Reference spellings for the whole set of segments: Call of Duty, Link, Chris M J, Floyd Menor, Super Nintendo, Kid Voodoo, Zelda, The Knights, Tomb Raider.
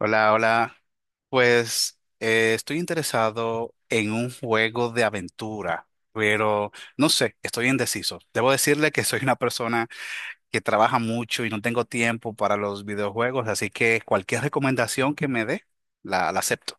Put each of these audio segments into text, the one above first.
Hola, hola. Pues estoy interesado en un juego de aventura, pero no sé, estoy indeciso. Debo decirle que soy una persona que trabaja mucho y no tengo tiempo para los videojuegos, así que cualquier recomendación que me dé, la acepto.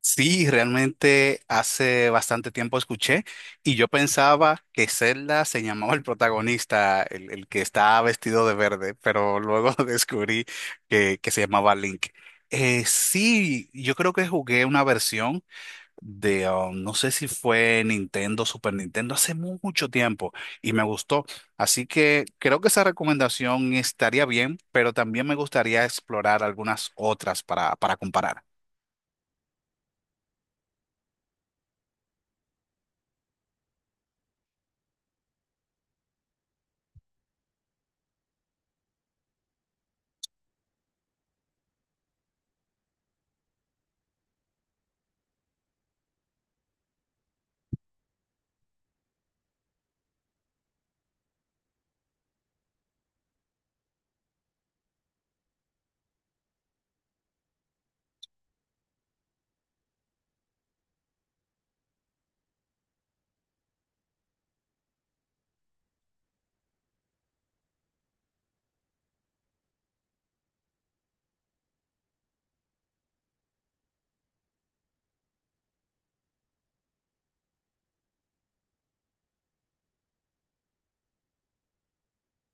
Sí, realmente hace bastante tiempo escuché y yo pensaba que Zelda se llamaba el protagonista, el que estaba vestido de verde, pero luego descubrí que se llamaba Link. Sí, yo creo que jugué una versión de, no sé si fue Nintendo, Super Nintendo, hace mucho tiempo y me gustó. Así que creo que esa recomendación estaría bien, pero también me gustaría explorar algunas otras para comparar.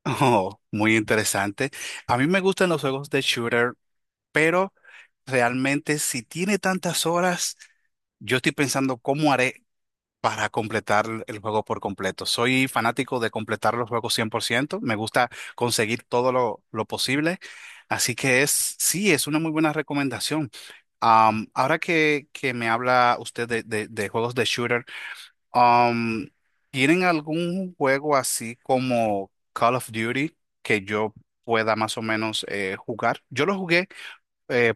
Oh, muy interesante. A mí me gustan los juegos de shooter, pero realmente si tiene tantas horas, yo estoy pensando cómo haré para completar el juego por completo. Soy fanático de completar los juegos 100%. Me gusta conseguir todo lo posible, así que es, sí, es una muy buena recomendación. Ahora que me habla usted de juegos de shooter, Um, ¿tienen algún juego así como Call of Duty que yo pueda más o menos jugar? Yo lo jugué eh,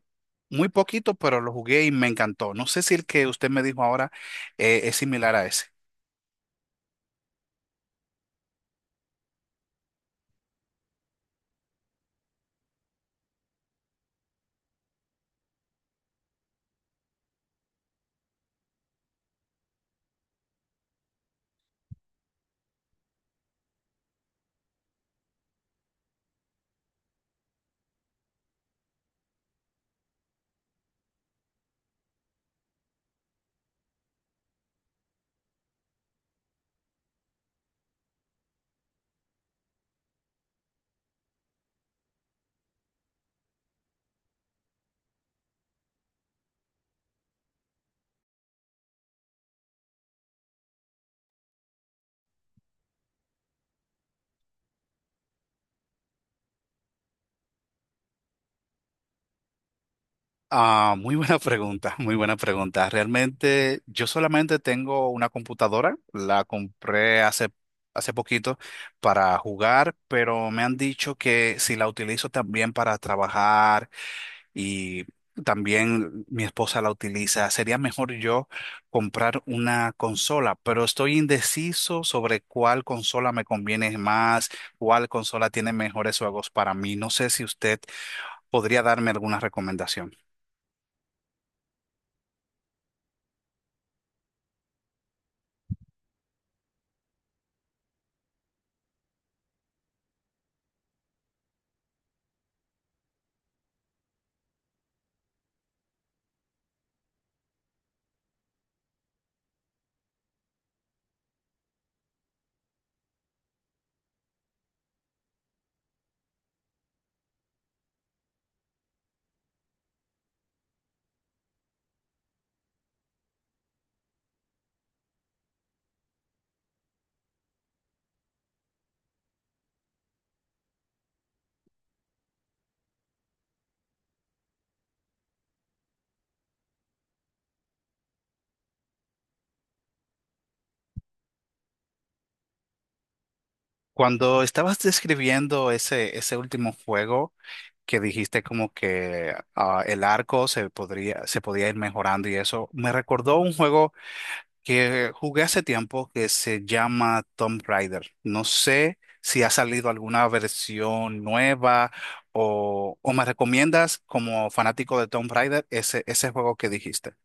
muy poquito, pero lo jugué y me encantó. No sé si el que usted me dijo ahora es similar a ese. Ah, muy buena pregunta, muy buena pregunta. Realmente yo solamente tengo una computadora, la compré hace, hace poquito para jugar, pero me han dicho que si la utilizo también para trabajar y también mi esposa la utiliza. Sería mejor yo comprar una consola, pero estoy indeciso sobre cuál consola me conviene más, cuál consola tiene mejores juegos para mí. No sé si usted podría darme alguna recomendación. Cuando estabas describiendo ese, ese último juego que dijiste como que ah, el arco se podría, se podía ir mejorando y eso, me recordó un juego que jugué hace tiempo que se llama Tomb Raider. No sé si ha salido alguna versión nueva o me recomiendas como fanático de Tomb Raider ese, ese juego que dijiste.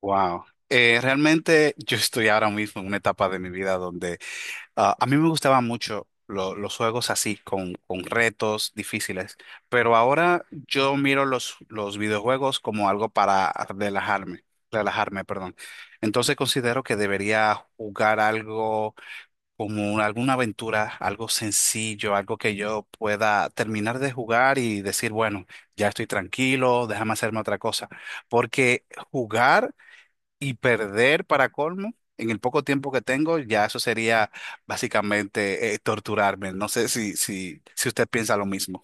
Wow. Realmente yo estoy ahora mismo en una etapa de mi vida donde ah, a mí me gustaban mucho los juegos así, con retos difíciles, pero ahora yo miro los videojuegos como algo para relajarme, relajarme, perdón. Entonces considero que debería jugar algo como alguna aventura, algo sencillo, algo que yo pueda terminar de jugar y decir, bueno, ya estoy tranquilo, déjame hacerme otra cosa, porque jugar y perder para colmo, en el poco tiempo que tengo, ya eso sería básicamente torturarme. No sé si usted piensa lo mismo.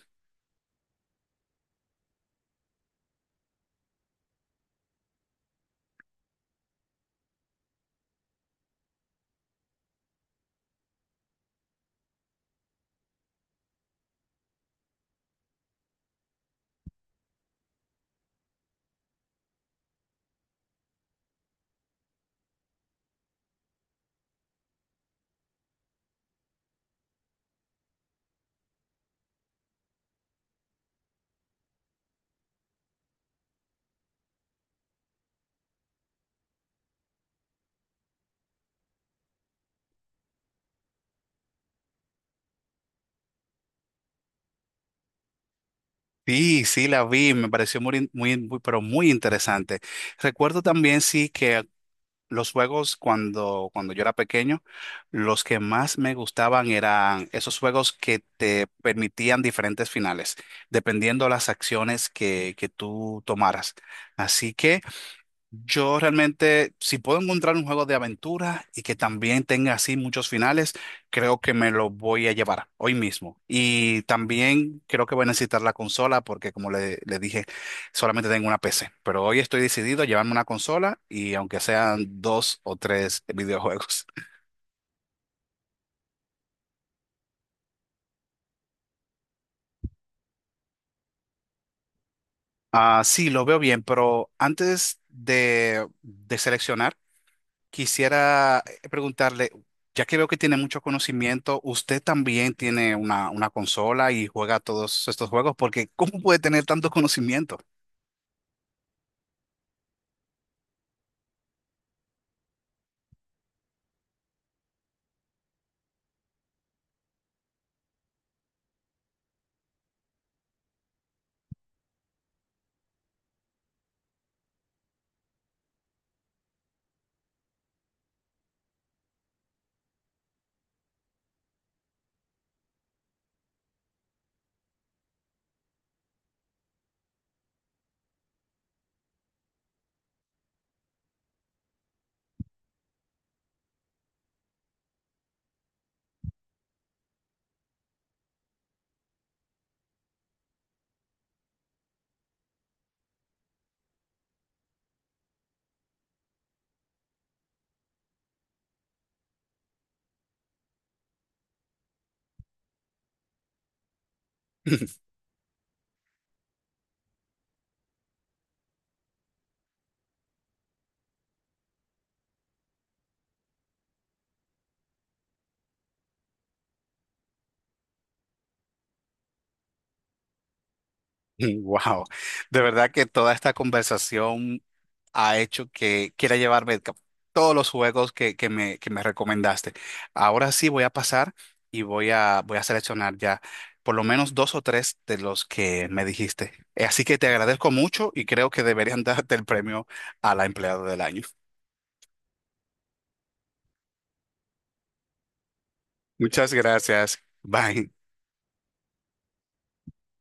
Sí, sí, la vi, me pareció muy, muy, muy, pero muy interesante. Recuerdo también, sí, que los juegos cuando yo era pequeño, los que más me gustaban eran esos juegos que te permitían diferentes finales, dependiendo las acciones que tú tomaras. Así que... Yo realmente, si puedo encontrar un juego de aventura y que también tenga así muchos finales, creo que me lo voy a llevar hoy mismo. Y también creo que voy a necesitar la consola porque, como le dije, solamente tengo una PC. Pero hoy estoy decidido a llevarme una consola y aunque sean dos o tres videojuegos. Ah, sí, lo veo bien, pero antes de seleccionar, quisiera preguntarle, ya que veo que tiene mucho conocimiento, ¿usted también tiene una consola y juega todos estos juegos? Porque ¿cómo puede tener tanto conocimiento? Wow, de verdad que toda esta conversación ha hecho que quiera llevarme todos los juegos que me recomendaste. Ahora sí voy a pasar y voy a, voy a seleccionar ya por lo menos dos o tres de los que me dijiste. Así que te agradezco mucho y creo que deberían darte el premio a la empleada del año. Muchas gracias. Bye.